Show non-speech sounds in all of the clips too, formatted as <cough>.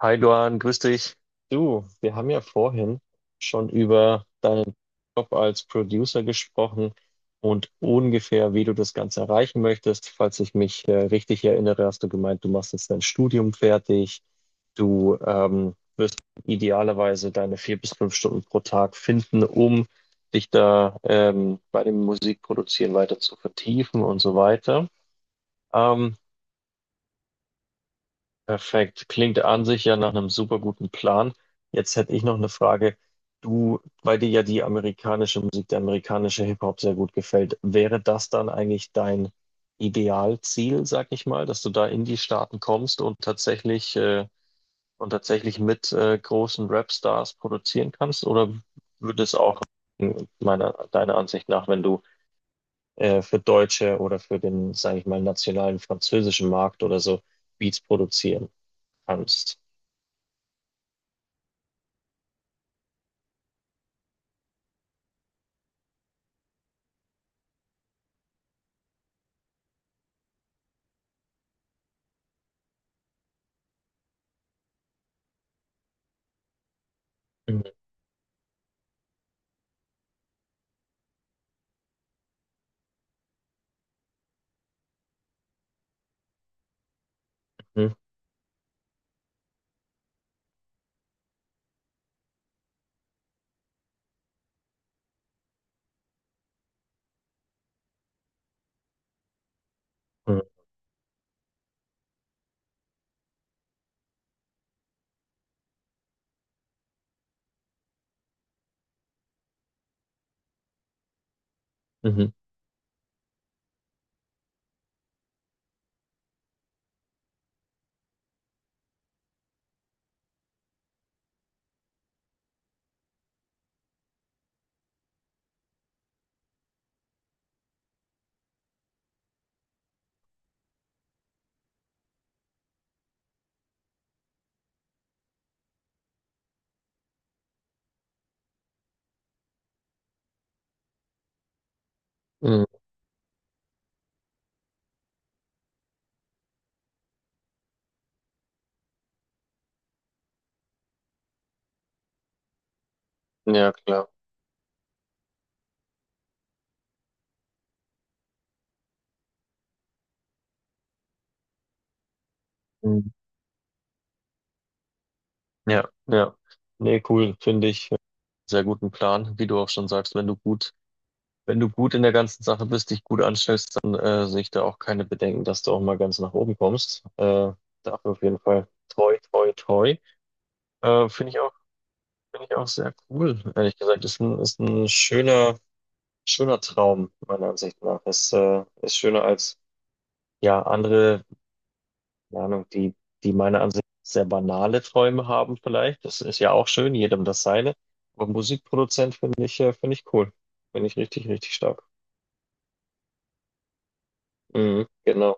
Hi Luan, grüß dich. Du, wir haben ja vorhin schon über deinen Job als Producer gesprochen und ungefähr, wie du das Ganze erreichen möchtest. Falls ich mich richtig erinnere, hast du gemeint, du machst jetzt dein Studium fertig. Du idealerweise deine 4 bis 5 Stunden pro Tag finden, um dich da bei dem Musikproduzieren weiter zu vertiefen und so weiter. Ähm, Perfekt. Klingt an sich ja nach einem super guten Plan. Jetzt hätte ich noch eine Frage. Du, weil dir ja die amerikanische Musik, der amerikanische Hip-Hop sehr gut gefällt, wäre das dann eigentlich dein Idealziel, sag ich mal, dass du da in die Staaten kommst und tatsächlich mit großen Rap-Stars produzieren kannst? Oder würde es auch deiner Ansicht nach, wenn du für deutsche oder für den, sage ich mal, nationalen französischen Markt oder so Beats produzieren kannst? Mhm. Mhm. Mhm. Mhm. Ja, klar. Mhm. Ja, ja. Nee, cool. Finde ich sehr guten Plan. Wie du auch schon sagst, wenn du gut in der ganzen Sache bist, dich gut anstellst, dann sehe ich da auch keine Bedenken, dass du auch mal ganz nach oben kommst. Dafür auf jeden Fall toi, toi, toi. Äh, finde ich auch, finde ich auch sehr cool. Ehrlich gesagt, ist ein schöner Traum, meiner Ansicht nach. Ist schöner als, ja, andere keine Ahnung, die meiner Ansicht nach sehr banale Träume haben vielleicht. Das ist ja auch schön, jedem das seine. Aber Musikproduzent finde ich cool. Finde ich richtig, richtig stark. Mhm, genau.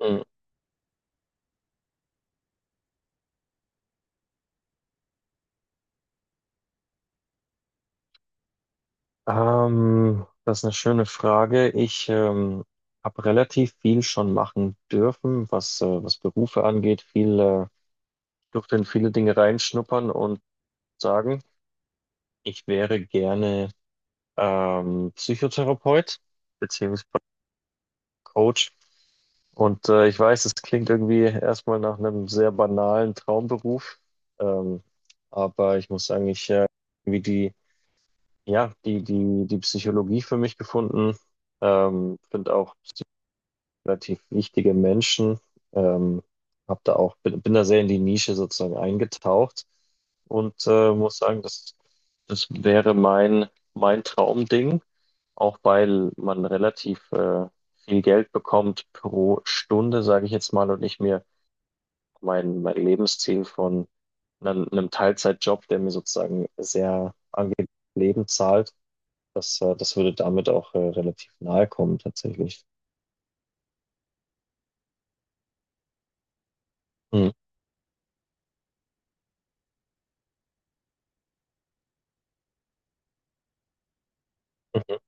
Mhm. Das ist eine schöne Frage. Ich habe relativ viel schon machen dürfen, was Berufe angeht. Durfte in viele Dinge reinschnuppern und sagen, ich wäre gerne Psychotherapeut beziehungsweise Coach. Und ich weiß, es klingt irgendwie erstmal nach einem sehr banalen Traumberuf, ähm, aber ich muss sagen, ich irgendwie die, ja, die, die, die Psychologie für mich gefunden, finde auch relativ wichtige Menschen. Ähm, hab da auch, bin da sehr in die Nische sozusagen eingetaucht und muss sagen, das wäre mein Traumding, auch weil man relativ viel Geld bekommt pro Stunde, sage ich jetzt mal, und ich mir mein Lebensziel von einem Teilzeitjob, der mir sozusagen sehr angenehm Leben zahlt, das würde damit auch relativ nahe kommen tatsächlich. Mhm. Mhm.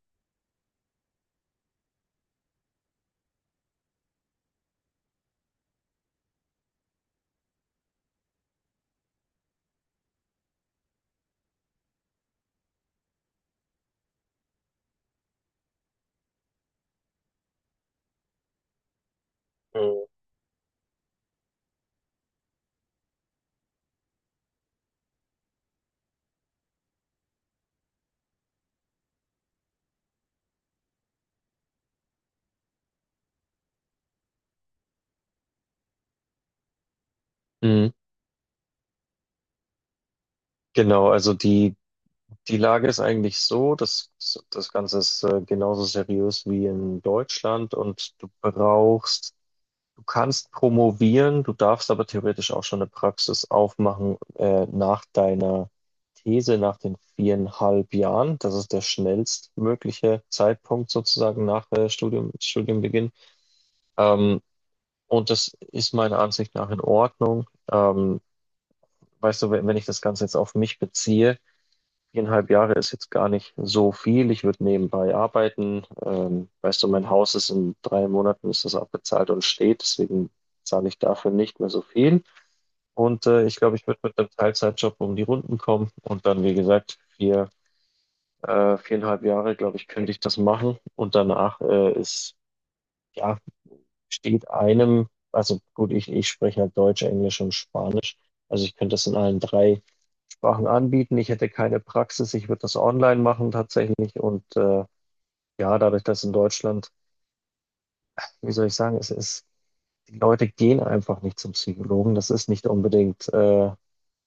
Mhm. Genau, also die Lage ist eigentlich so, dass das Ganze ist genauso seriös wie in Deutschland und du brauchst, du kannst promovieren, du darfst aber theoretisch auch schon eine Praxis aufmachen nach deiner These, nach den 4,5 Jahren. Das ist der schnellstmögliche Zeitpunkt sozusagen nach Studienbeginn. Ähm, und das ist meiner Ansicht nach in Ordnung. Weißt du, wenn ich das Ganze jetzt auf mich beziehe, 4,5 Jahre ist jetzt gar nicht so viel. Ich würde nebenbei arbeiten. Weißt du, mein Haus ist in drei Monaten ist das abbezahlt und steht, deswegen zahle ich dafür nicht mehr so viel. Und ich glaube, ich würde mit einem Teilzeitjob um die Runden kommen und dann, wie gesagt, 4,5 Jahre, glaube ich, könnte ich das machen. Und danach ja, steht einem, also gut, ich spreche halt Deutsch, Englisch und Spanisch. Also ich könnte das in allen drei Sachen anbieten. Ich hätte keine Praxis, ich würde das online machen tatsächlich. Und ja, dadurch, dass in Deutschland, wie soll ich sagen, die Leute gehen einfach nicht zum Psychologen. Das ist nicht unbedingt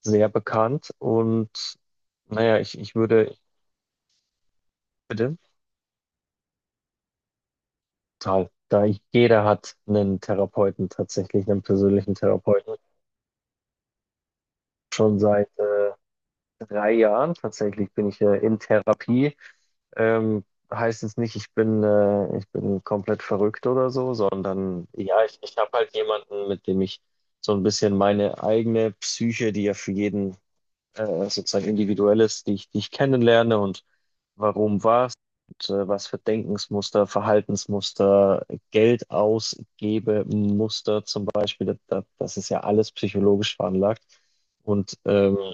sehr bekannt. Und naja, bitte, total. Jeder hat einen Therapeuten tatsächlich, einen persönlichen Therapeuten, schon seit 3 Jahren tatsächlich bin ich in Therapie. Ähm, heißt jetzt nicht, ich bin komplett verrückt oder so, sondern ja, ich habe halt jemanden, mit dem ich so ein bisschen meine eigene Psyche, die ja für jeden sozusagen individuell ist, die ich kennenlerne und warum was und was für Denkensmuster, Verhaltensmuster, Geld ausgebe Muster zum Beispiel, das ist ja alles psychologisch veranlagt. Und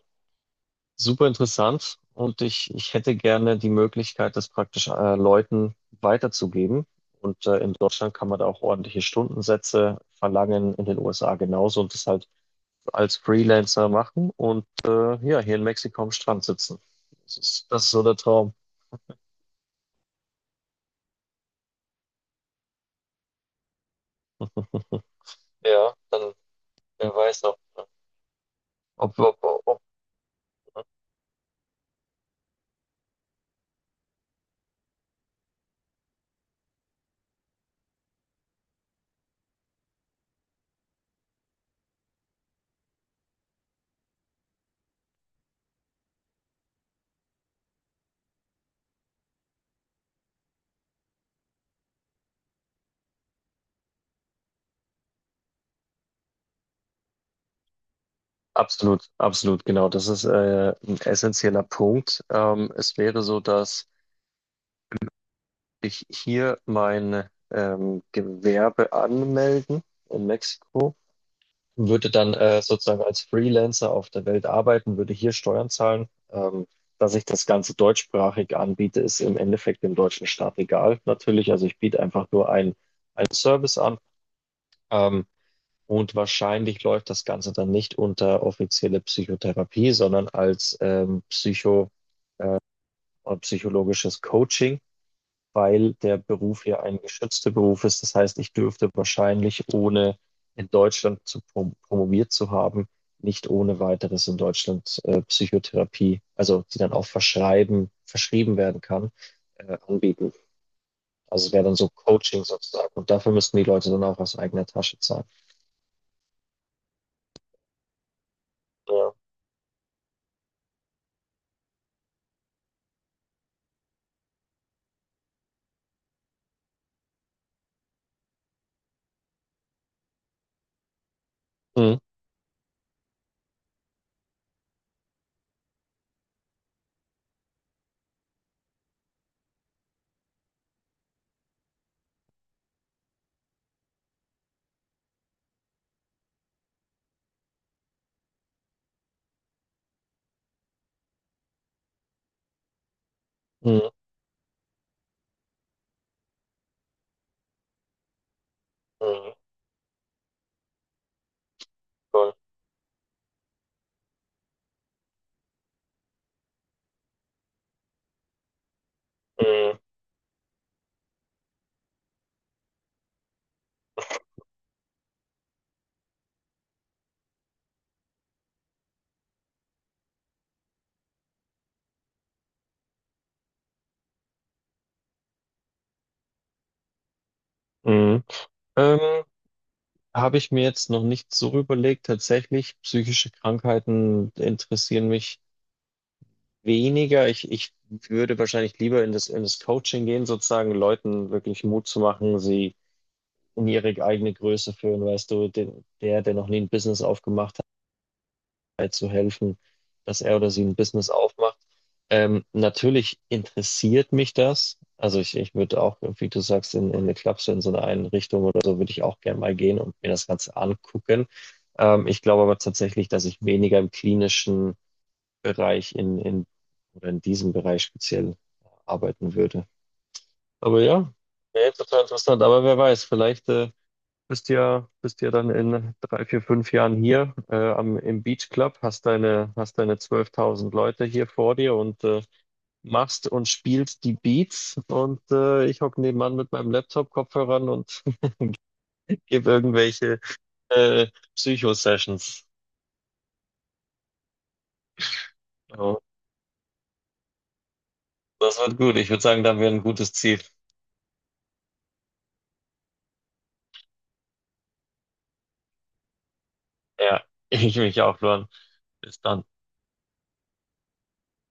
super interessant und ich hätte gerne die Möglichkeit, das praktisch Leuten weiterzugeben. Und in Deutschland kann man da auch ordentliche Stundensätze verlangen, in den USA genauso und das halt als Freelancer machen und ja, hier in Mexiko am Strand sitzen. Das ist so der Traum. Ja, dann wer weiß noch, ob, ob, ob. Absolut, absolut, genau. Das ist ein essentieller Punkt. Es wäre so, dass ich hier mein Gewerbe anmelden in Mexiko, würde dann sozusagen als Freelancer auf der Welt arbeiten, würde hier Steuern zahlen. Dass ich das Ganze deutschsprachig anbiete, ist im Endeffekt dem deutschen Staat egal, natürlich. Also ich biete einfach nur ein Service an. Ähm, und wahrscheinlich läuft das Ganze dann nicht unter offizielle Psychotherapie, sondern als psychologisches Coaching. Weil der Beruf ja ein geschützter Beruf ist. Das heißt, ich dürfte wahrscheinlich, ohne in Deutschland zu promoviert zu haben, nicht ohne weiteres in Deutschland Psychotherapie, also die dann auch verschrieben werden kann, anbieten. Also es wäre dann so Coaching sozusagen. Und dafür müssten die Leute dann auch aus eigener Tasche zahlen. Ja. Mhm. Mhm. Mhm. Voll. Mhm. Mhm. Ähm, habe ich mir jetzt noch nicht so überlegt. Tatsächlich, psychische Krankheiten interessieren mich weniger, ich würde wahrscheinlich lieber in das Coaching gehen, sozusagen Leuten wirklich Mut zu machen, sie in ihre eigene Größe führen, weißt du, der noch nie ein Business aufgemacht hat, halt zu helfen, dass er oder sie ein Business aufmacht. Natürlich interessiert mich das. Also ich würde auch, wie du sagst, in eine Klapse, in so eine Einrichtung oder so, würde ich auch gerne mal gehen und mir das Ganze angucken. Ich glaube aber tatsächlich, dass ich weniger im klinischen Bereich in oder in diesem Bereich speziell arbeiten würde. Aber ja, nee, total interessant. Aber wer weiß, vielleicht bist ja dann in 3, 4, 5 Jahren hier im Beach Club, hast deine 12.000 Leute hier vor dir und machst und spielst die Beats und ich hocke nebenan mit meinem Laptop-Kopfhörern und <laughs> gebe irgendwelche äh, Psycho-Sessions. So, das wird gut. Ich würde sagen, da haben wir ein gutes Ziel. Ja, <laughs> ich mich auch, Luan. Bis dann.